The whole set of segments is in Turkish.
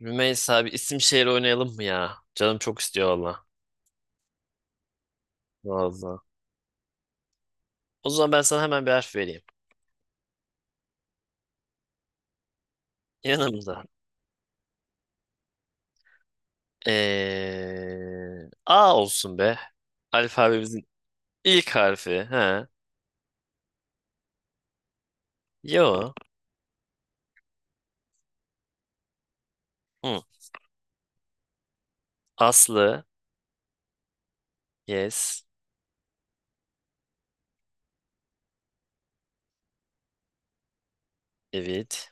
Rümeysa abi, isim şehir oynayalım mı ya? Canım çok istiyor valla. Valla. O zaman ben sana hemen bir harf vereyim. Yanımda. A olsun be. Alfabemizin ilk harfi. Ha. Yo. Hı. Aslı. Yes. Evet.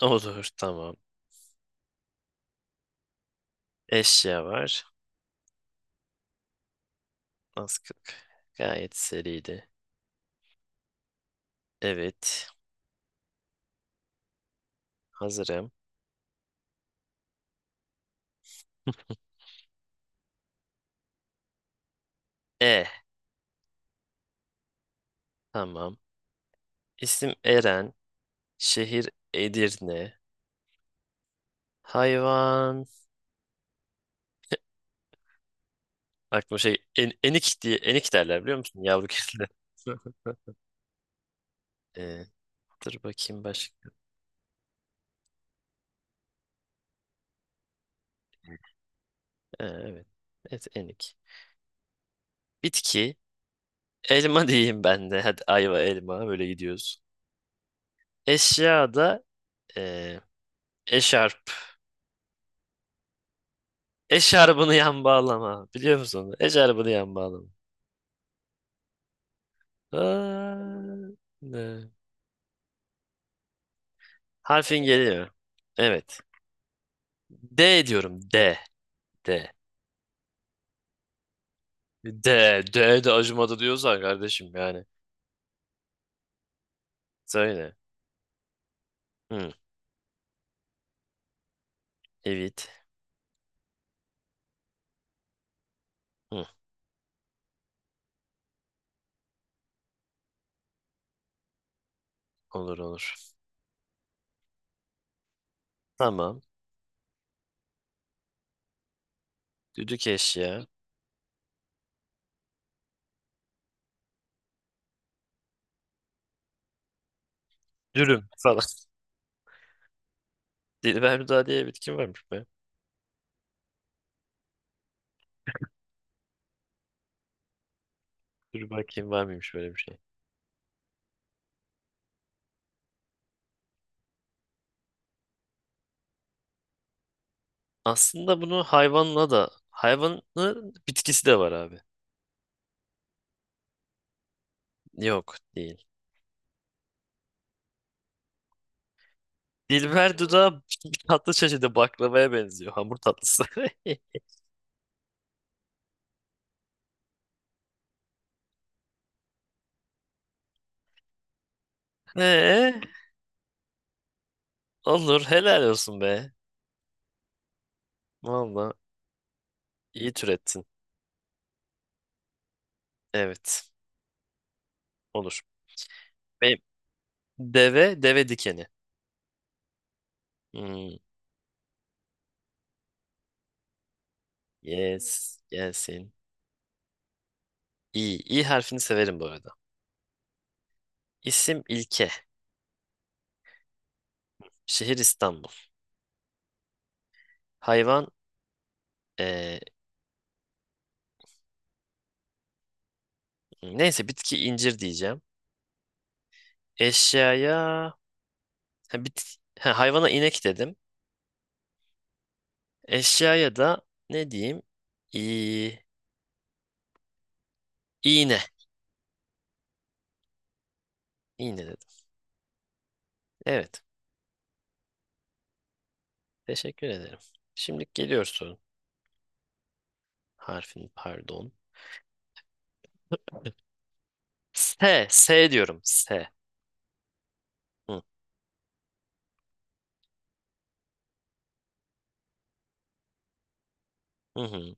Olur. Tamam. Eşya var. Az Askık. Gayet seriydi. Evet. Hazırım. E. Tamam. İsim Eren. Şehir Edirne. Hayvan. Aklıma şey en, enik diye enik derler, biliyor musun, yavru kediler. Ee, dur bakayım başka. Evet. Evet, enik. Bitki. Elma diyeyim ben de. Hadi ayva elma böyle gidiyoruz. Eşya da ee, eşarp. Eşarbını yan bağlama. Biliyor musun onu? Eşarbını yan bağlama. Aa, ne? Harfin geliyor. Evet. D diyorum. D. D. D. D de acımadı diyorsan kardeşim yani. Söyle. Hı, evet. Hı. Olur olur. Tamam. Düdük eşya. Dürüm falan. Dilberda diye bitki varmış be. Dur bakayım, var mıymış böyle bir şey. Aslında bunu hayvanla da, hayvanın bitkisi de var abi. Yok değil. Dilber dudağı tatlı çeşidi, baklavaya benziyor. Hamur tatlısı. Ee, olur, helal olsun be. Valla iyi türettin. Evet, olur. Benim deve dikeni. Hmm, yes, gelsin. İyi. İyi harfini severim bu arada. İsim ilke. Şehir İstanbul. Hayvan eee, neyse, bitki incir diyeceğim. Eşyaya hayvana inek dedim. Eşyaya da ne diyeyim? İ, iğne. İğne dedim. Evet. Teşekkür ederim. Şimdi geliyor sorun. Harfin, pardon. S. S diyorum. S. Hı, hı, hı.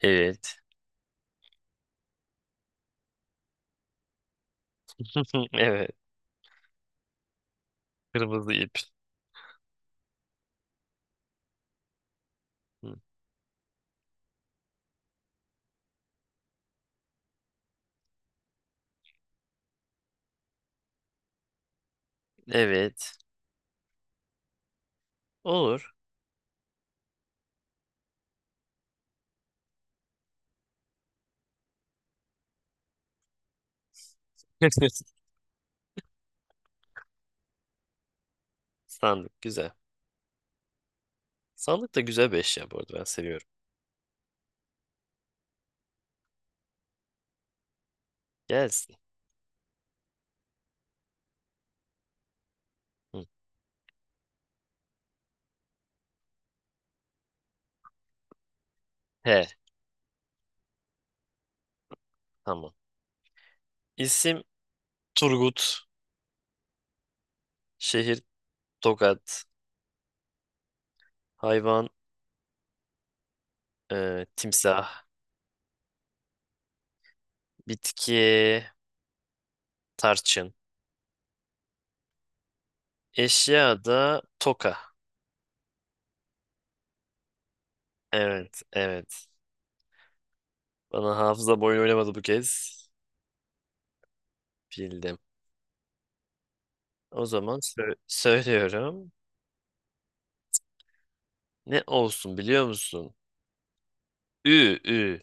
Evet. Evet. Kırmızı ip. Hı. Evet. Olur. Sandık güzel. Sandık da güzel bir eşya, bu arada ben seviyorum. Gelsin. Hı. He, tamam. İsim Turgut. Şehir Tokat. Hayvan timsah. Bitki tarçın. Eşya da toka. Evet, evet. Bana hafıza boyun oynamadı bu kez. Bildim. O zaman söylüyorum. Ne olsun biliyor musun? Ü, ü.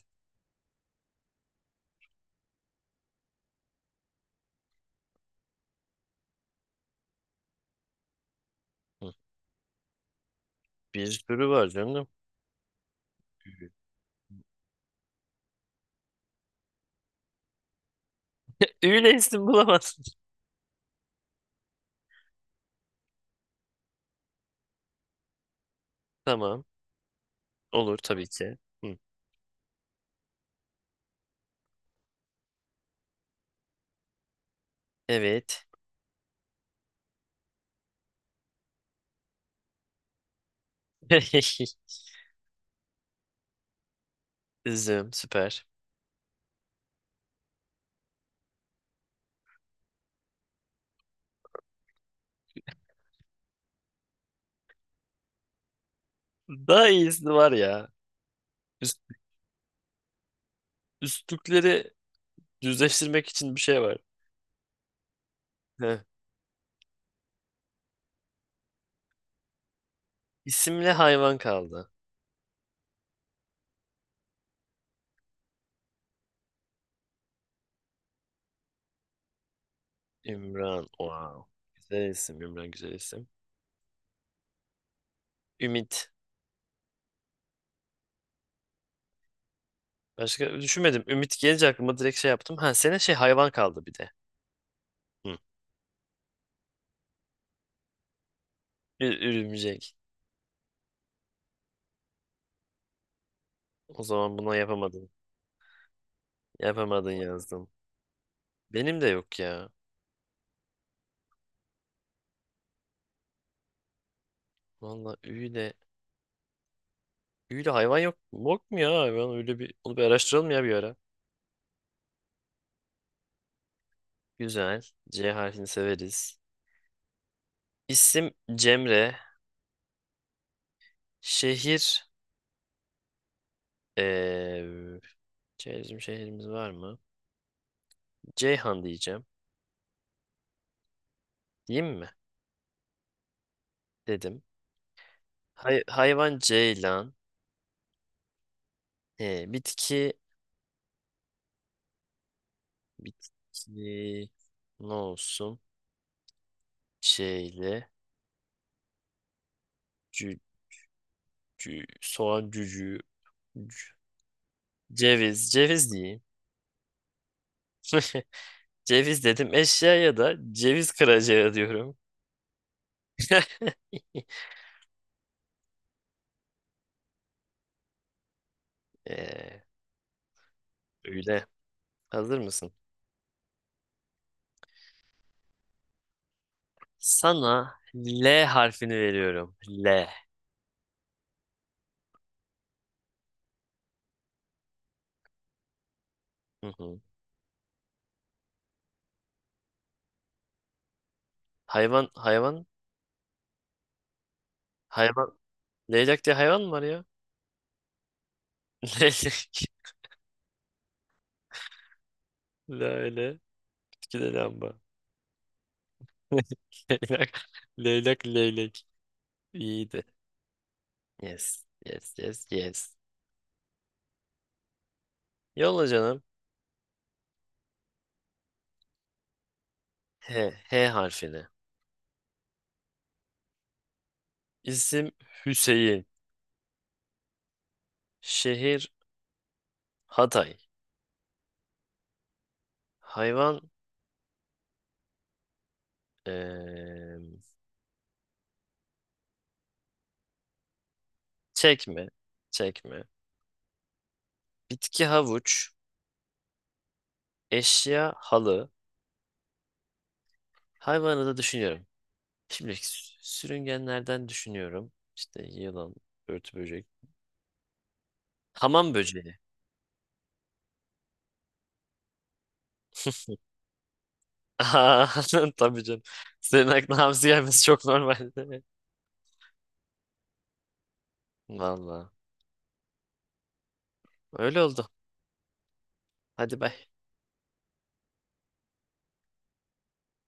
Hı, bir sürü var canım. Ü ile isim bulamazsın. Tamam. Olur tabii ki. Hı. Evet. Üzüm, süper. Daha iyisi var ya. Üst, üstlükleri düzleştirmek için bir şey var. Heh. İsimli hayvan kaldı. Ümran. Wow. Güzel isim. Ümran güzel isim. Ümit. Başka düşünmedim. Ümit gelince aklıma direkt şey yaptım. Ha, senin şey hayvan kaldı bir de. Hı. Örümcek. O zaman buna yapamadın. Yapamadın yazdım. Benim de yok ya. Valla üyle. Üyle hayvan yok. Yok mu ya hayvan? Öyle bir, onu bir araştıralım ya bir ara. Güzel. C harfini severiz. İsim Cemre. Şehir. Eee bizim şehrimiz var mı? Ceyhan diyeceğim. Diyeyim mi? Dedim. Hayvan ceylan. He, bitki. Bitki. Ne olsun? Şeyle. Cü, soğan cücüğü. cü- Ceviz. Ceviz diyeyim. Ceviz dedim. Eşyaya da ceviz kıracağı diyorum. Eee öyle. Hazır mısın? Sana L harfini veriyorum. L. Hı hı. Hayvan, hayvan, hayvan. Leylak diye hayvan mı var ya? Leylek. Lale. İki de lamba. Leylak. Leylak, leylek. İyiydi. Yes, yes, yes, yes. Yolla canım. H, H harfini. İsim Hüseyin. Şehir Hatay. Hayvan eee, çekme. Çekme. Bitki havuç. Eşya halı. Hayvanı da düşünüyorum. Şimdi sürüngenlerden düşünüyorum. İşte yılan, örtü böcek. Hamam böceği. Aa, tabii canım. Senin aklına hamsi gelmesi çok normal değil mi? Valla. Öyle oldu. Hadi bay.